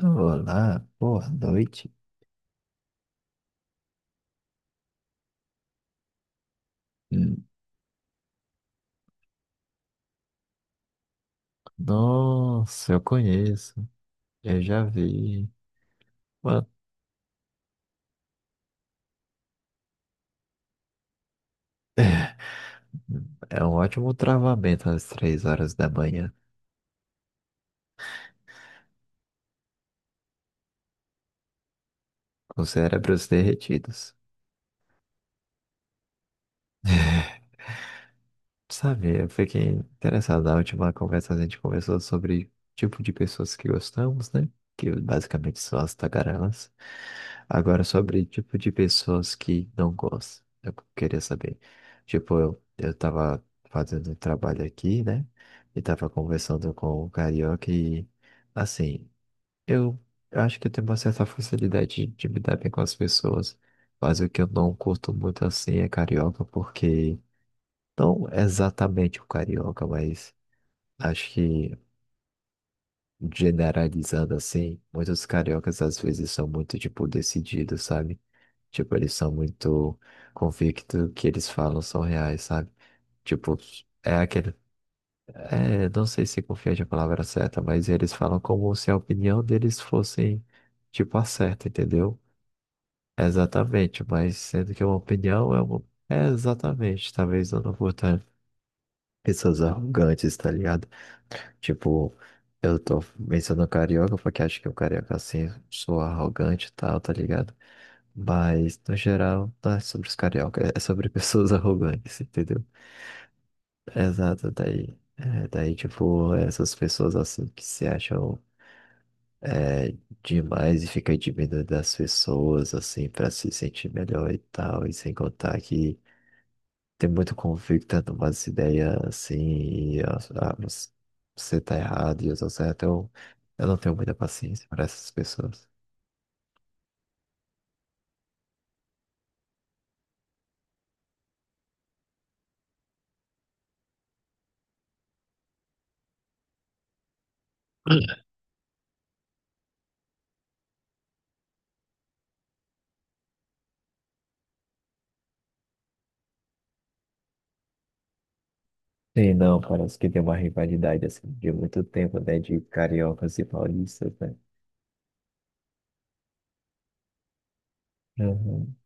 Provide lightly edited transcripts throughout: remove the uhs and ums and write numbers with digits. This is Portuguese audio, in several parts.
Olá, boa noite. Hum. Nossa, eu conheço. Eu já vi. Mano, é um ótimo travamento às três horas da manhã, com cérebros derretidos. Sabe, eu fiquei interessado. Na última conversa a gente conversou sobre tipo de pessoas que gostamos, né? Que basicamente são as tagarelas. Agora, sobre tipo de pessoas que não gostam. Eu queria saber. Tipo, eu tava fazendo um trabalho aqui, né? E tava conversando com o carioca e, assim, eu, eu acho que eu tenho uma certa facilidade de me dar bem com as pessoas. Mas o que eu não curto muito assim é carioca, porque. Não exatamente o carioca, mas acho que generalizando assim, muitos cariocas às vezes são muito, tipo, decididos, sabe? Tipo, eles são muito convictos que eles falam são reais, sabe? Tipo, é aquele. É, não sei se confiante é a palavra certa, mas eles falam como se a opinião deles fosse, tipo, a certa, entendeu? Exatamente, mas sendo que uma opinião é uma. É exatamente, talvez eu não vou estar. Pessoas arrogantes, tá ligado? Tipo, eu tô mencionando carioca porque acho que o carioca assim sou arrogante e tal, tá ligado? Mas, no geral, não é sobre os carioca, é sobre pessoas arrogantes, entendeu? Exato, daí. É, daí, tipo, essas pessoas assim que se acham demais e ficam diminuindo das pessoas, assim, pra se sentir melhor e tal, e sem contar que. Tem muito conflito, tendo umas ideias assim, e você tá errado e eu tô certo. Eu não tenho muita paciência para essas pessoas. Sim, não, parece que tem uma rivalidade assim de muito tempo, né? De cariocas e paulistas, né? Uhum.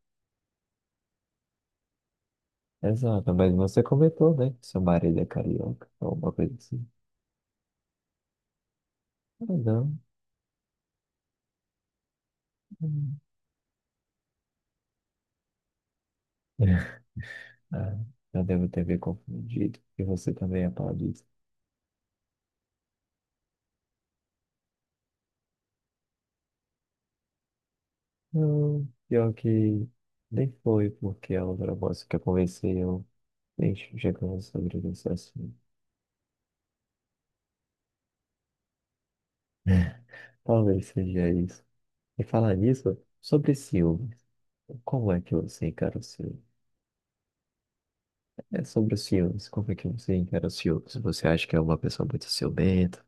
Exato, mas você comentou, né? Que seu marido é carioca, ou uma coisa assim. Ah, não. Hum. Ah, eu devo ter me confundido. E você também é paulista. Não, pior que nem foi porque a outra moça que eu conversei, eu nem chegando sobre isso assim. Talvez seja isso. E falar nisso, sobre ciúmes. Como é que você encara o ciúme? É sobre os ciúmes. Como é que você encara os ciúmes? Você acha que é uma pessoa muito ciumenta?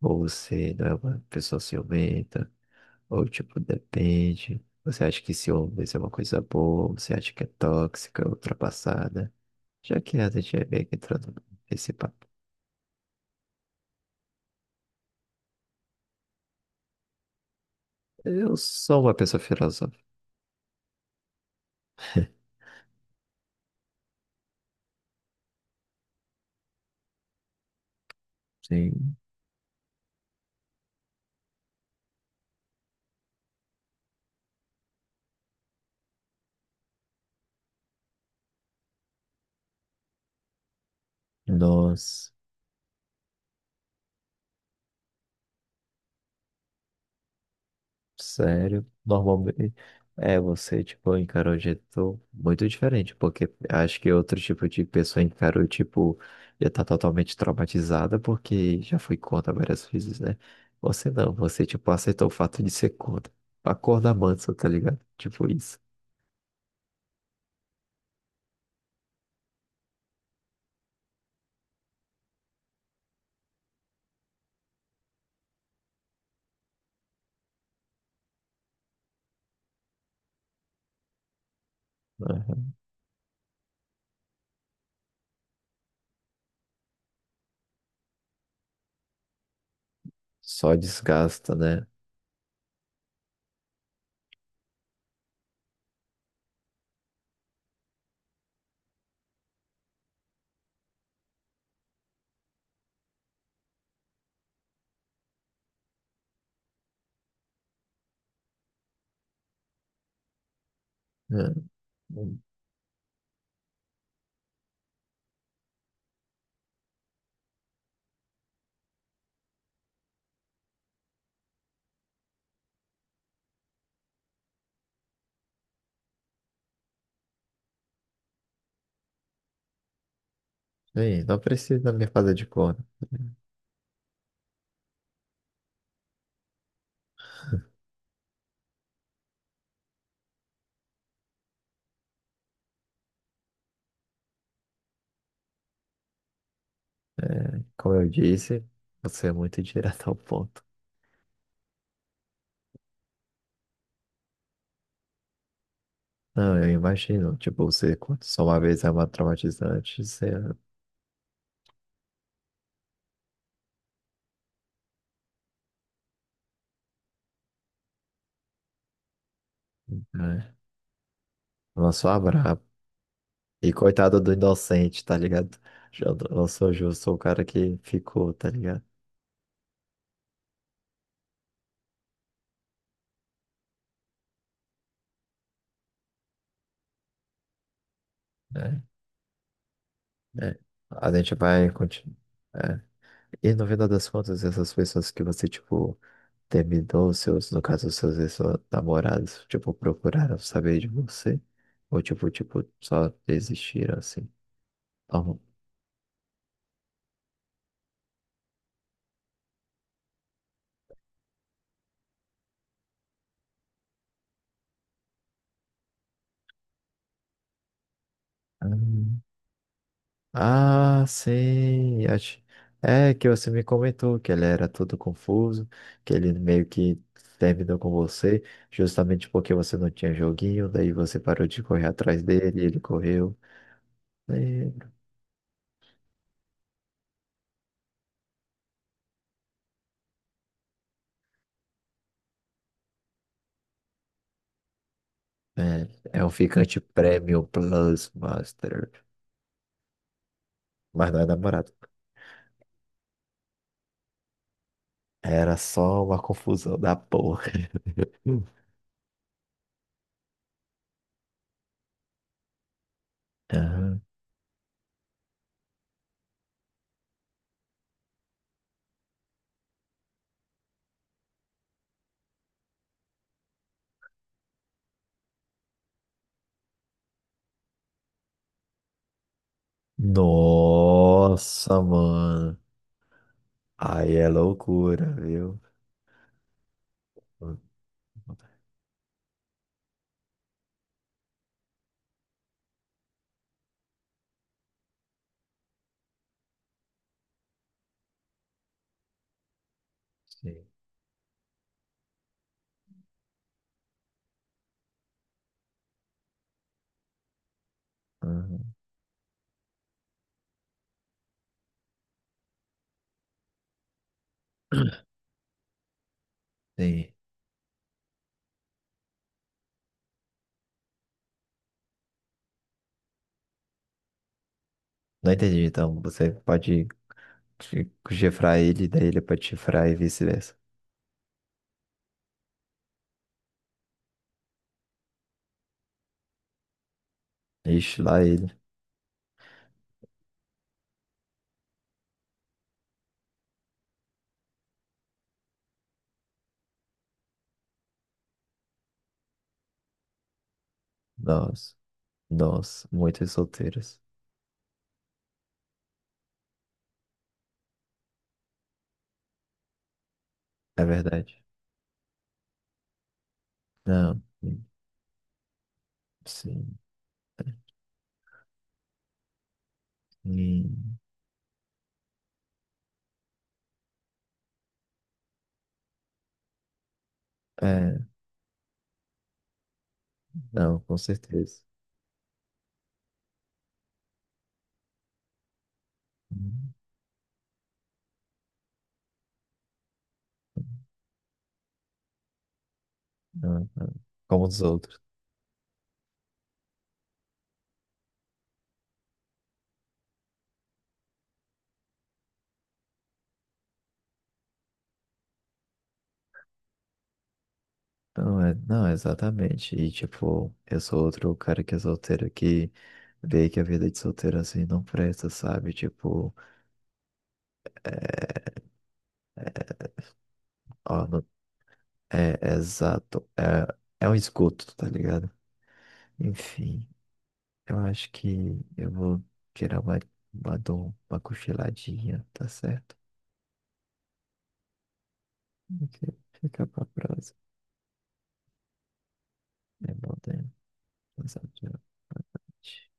Ou você não é uma pessoa ciumenta? Ou tipo, depende. Você acha que ciúmes é uma coisa boa? Você acha que é tóxica, ultrapassada? Já que a gente é meio que entrando nesse papo. Eu sou uma pessoa filosófica. Sim. Nossa, sério. Normalmente é você, tipo, encarou de jeito muito diferente, porque acho que outro tipo de pessoa encarou, tipo, já tá totalmente traumatizada porque já foi contra várias vezes, né? Você não, você, tipo, aceitou o fato de ser contra. Acorda manso, tá ligado? Tipo isso. Aham. Só desgasta, né? Hum. Bem, não precisa me fazer de conta. Como eu disse, você é muito direto ao ponto. Não, eu imagino. Tipo, você conta só uma vez é uma traumatizante, você, né? Lançou a braba. E coitado do inocente, tá ligado? Eu não sou justo, sou o cara que ficou, tá ligado? É, é. A gente vai continuar. E no final das contas, essas pessoas que você, tipo, terminou, seus, no caso, seus ex-namorados, tipo, procuraram saber de você? Ou, tipo, só desistiram, assim? Então, ah, ah, sim. É que você me comentou que ele era todo confuso, que ele meio que terminou com você, justamente porque você não tinha joguinho, daí você parou de correr atrás dele, ele correu. Lembro. É, é um ficante Premium Plus Master, mas não é namorado. Era só uma confusão da porra. Hum. Aham. Nossa, mano. Aí é loucura, viu? Sim. Aham. Sim. Não entendi, então você pode chifrar ele, daí ele pode chifrar e vice-versa. Ixi, lá ele. nós, nós muitas solteiras. É verdade. Não, sim. Hum, é, não, com certeza. Hum. Não, não. Como os outros. Não, é, não, exatamente. E tipo, eu sou outro cara que é solteiro que vê que a vida de solteiro assim não presta, sabe? Tipo, ó, não, é, é exato. É, é um esgoto, tá ligado? Enfim, eu acho que eu vou tirar uma, dor, uma cochiladinha, tá certo? Porque fica pra próxima. É bom ter pensado de noite.